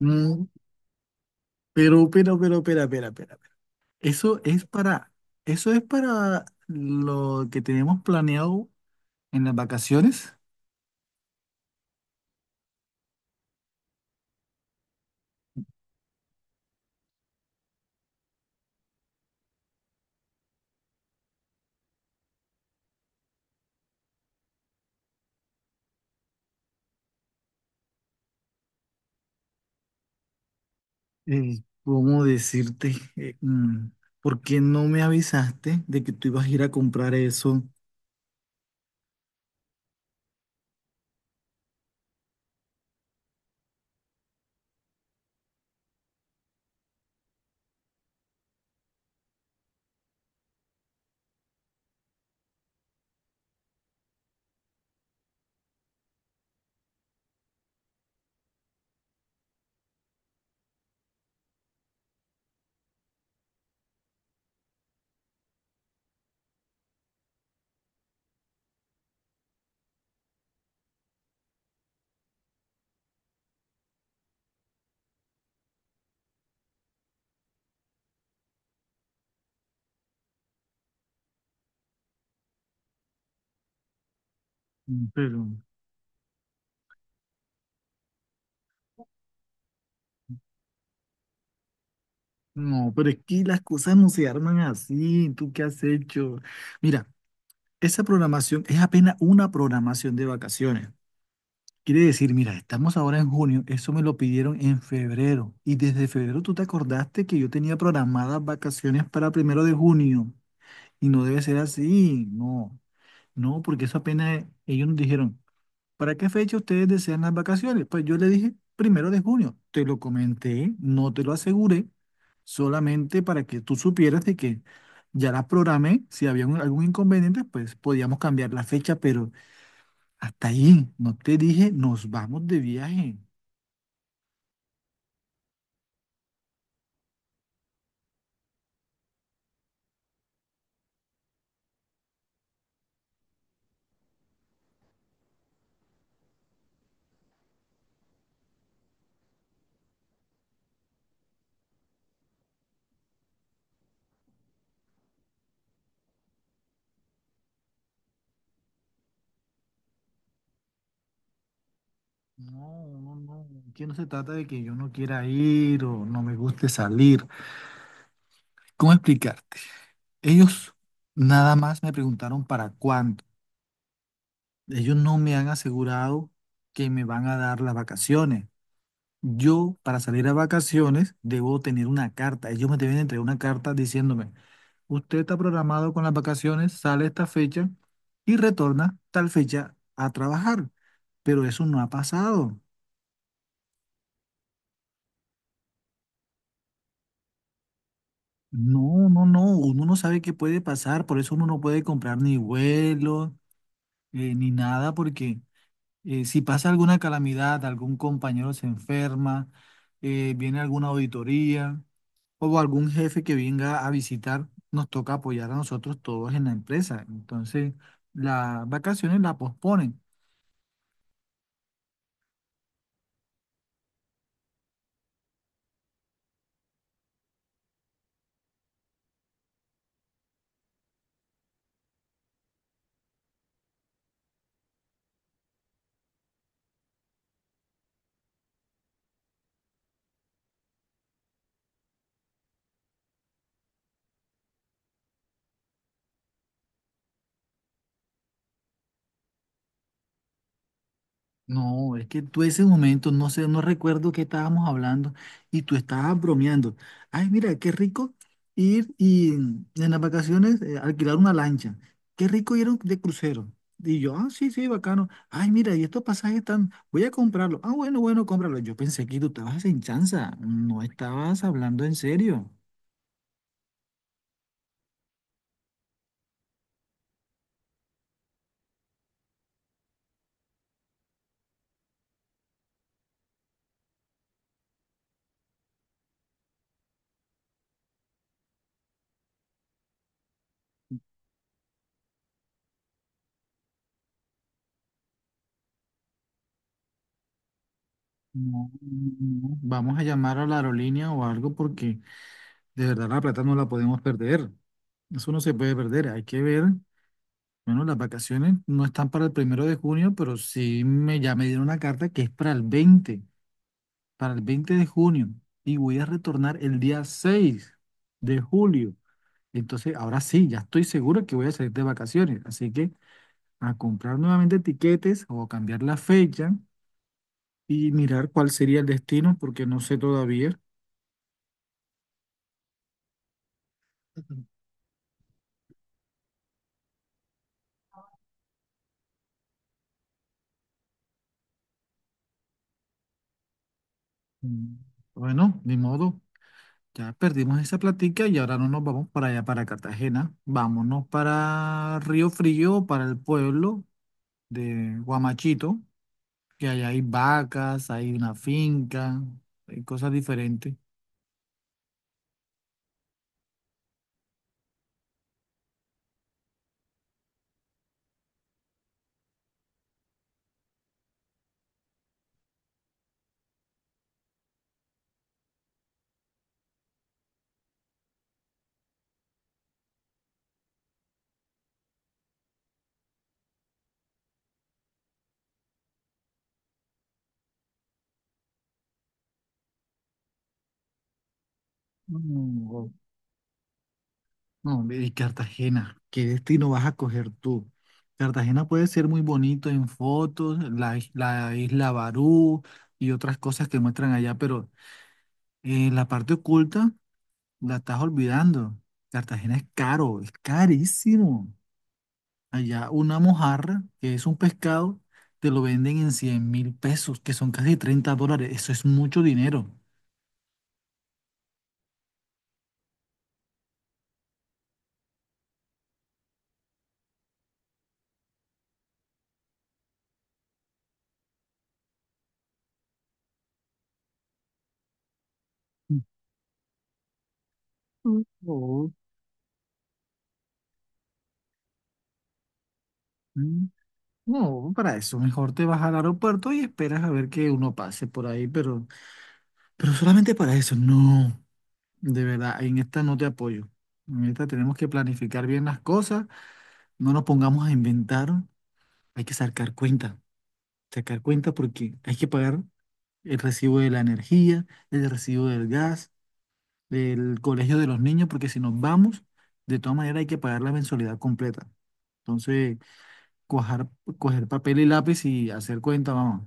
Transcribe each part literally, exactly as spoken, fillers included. Mm, pero, pero, pero, espera, espera, espera, espera. Eso es para, eso es para lo que tenemos planeado en las vacaciones. Eh, ¿cómo decirte? Eh, mm, ¿por qué no me avisaste de que tú ibas a ir a comprar eso? Mm. Pero, no, pero es que las cosas no se arman así. ¿Tú qué has hecho? Mira, esa programación es apenas una programación de vacaciones. Quiere decir, mira, estamos ahora en junio, eso me lo pidieron en febrero y desde febrero tú te acordaste que yo tenía programadas vacaciones para primero de junio y no debe ser así, no, no, porque eso apenas eh, ellos nos dijeron, ¿para qué fecha ustedes desean las vacaciones? Pues yo le dije primero de junio, te lo comenté, no te lo aseguré, solamente para que tú supieras de que ya las programé, si había un- algún inconveniente, pues podíamos cambiar la fecha, pero hasta ahí, no te dije, nos vamos de viaje. No, no, no. Aquí no se trata de que yo no quiera ir o no me guste salir. ¿Cómo explicarte? Ellos nada más me preguntaron para cuándo. Ellos no me han asegurado que me van a dar las vacaciones. Yo, para salir a vacaciones, debo tener una carta. Ellos me deben entregar una carta diciéndome, usted está programado con las vacaciones, sale esta fecha y retorna tal fecha a trabajar. Pero eso no ha pasado. No, no, no, uno no sabe qué puede pasar, por eso uno no puede comprar ni vuelos eh, ni nada, porque eh, si pasa alguna calamidad, algún compañero se enferma, eh, viene alguna auditoría o algún jefe que venga a visitar, nos toca apoyar a nosotros todos en la empresa. Entonces, las vacaciones la posponen. No, es que tú ese momento, no sé, no recuerdo qué estábamos hablando y tú estabas bromeando. Ay, mira, qué rico ir y en las vacaciones eh, alquilar una lancha. Qué rico ir a un- de crucero. Y yo, ah, sí, sí, bacano. Ay, mira, y estos pasajes están, voy a comprarlos. Ah, bueno, bueno, cómpralos. Yo pensé que tú estabas en chanza, no estabas hablando en serio. No, no, no. Vamos a llamar a la aerolínea o algo porque de verdad la plata no la podemos perder. Eso no se puede perder. Hay que ver. Bueno, las vacaciones no están para el primero de junio, pero sí me, ya me dieron una carta que es para el veinte para el veinte de junio. Y voy a retornar el día seis de julio. Entonces, ahora sí, ya estoy seguro que voy a salir de vacaciones. Así que a comprar nuevamente tiquetes o cambiar la fecha y mirar cuál sería el destino, porque no sé todavía. Ujú. Mm. Bueno, ni modo, ya perdimos esa platica y ahora no nos vamos para allá, para Cartagena. Vámonos para Río Frío, para el pueblo de Guamachito, que allá hay vacas, hay una finca, hay cosas diferentes. No, no, no, y Cartagena, ¿qué destino vas a coger tú? Cartagena puede ser muy bonito en fotos, la, is- la isla Barú y otras cosas que muestran allá, pero eh, la parte oculta la estás olvidando. Cartagena es caro, es carísimo. Allá una mojarra, que es un pescado, te lo venden en cien mil pesos, que son casi treinta dólares. Eso es mucho dinero. Mm. No, mm, no, para eso mejor te vas al aeropuerto y esperas a ver que uno pase por ahí, pero, pero solamente para eso. No, de verdad, en esta no te apoyo. En esta tenemos que planificar bien las cosas, no nos pongamos a inventar, hay que sacar cuentas. Sacar cuenta porque hay que pagar el recibo de la energía, el recibo del gas, del colegio de los niños, porque si nos vamos, de todas maneras hay que pagar la mensualidad completa. Entonces, cuajar- coger papel y lápiz y hacer cuenta, vamos.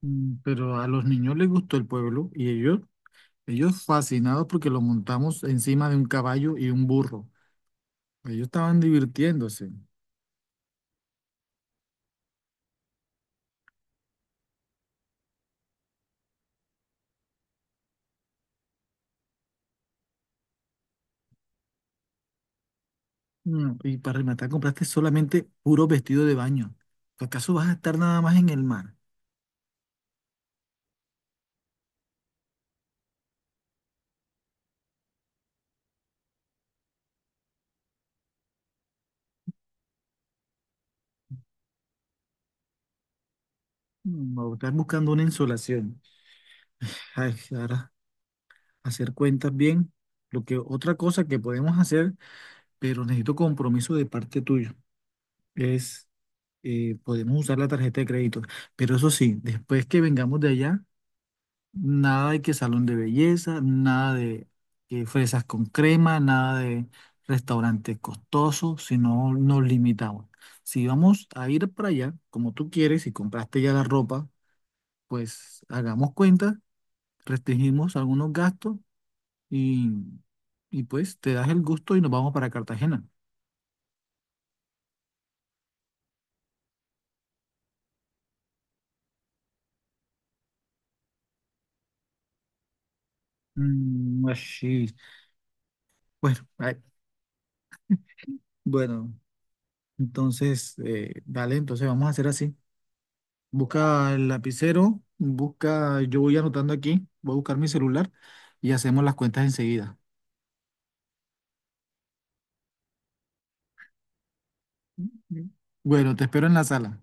Mm. Pero a los niños les gustó el pueblo y ellos, ellos fascinados porque lo montamos encima de un caballo y un burro. Ellos estaban divirtiéndose. Mm. Y para rematar, compraste solamente puro vestido de baño. ¿Acaso vas a estar nada más en el mar? No, estás buscando una insolación. Ay, ahora, hacer cuentas bien. Lo que otra cosa que podemos hacer, pero necesito compromiso de parte tuyo, es eh, podemos usar la tarjeta de crédito. Pero eso sí, después que vengamos de allá, nada de que salón de belleza, nada de que fresas con crema, nada de restaurantes costosos, sino nos limitamos. Si vamos a ir para allá, como tú quieres, si compraste ya la ropa, pues hagamos cuentas restringimos algunos gastos y, y pues te das el gusto y nos vamos para Cartagena. Mm, así. Bueno, ay, bueno, entonces, eh, dale, entonces vamos a hacer así. Busca el lapicero, busca, yo voy anotando aquí, voy a buscar mi celular y hacemos las cuentas enseguida. Mm. Bueno, te espero en la sala.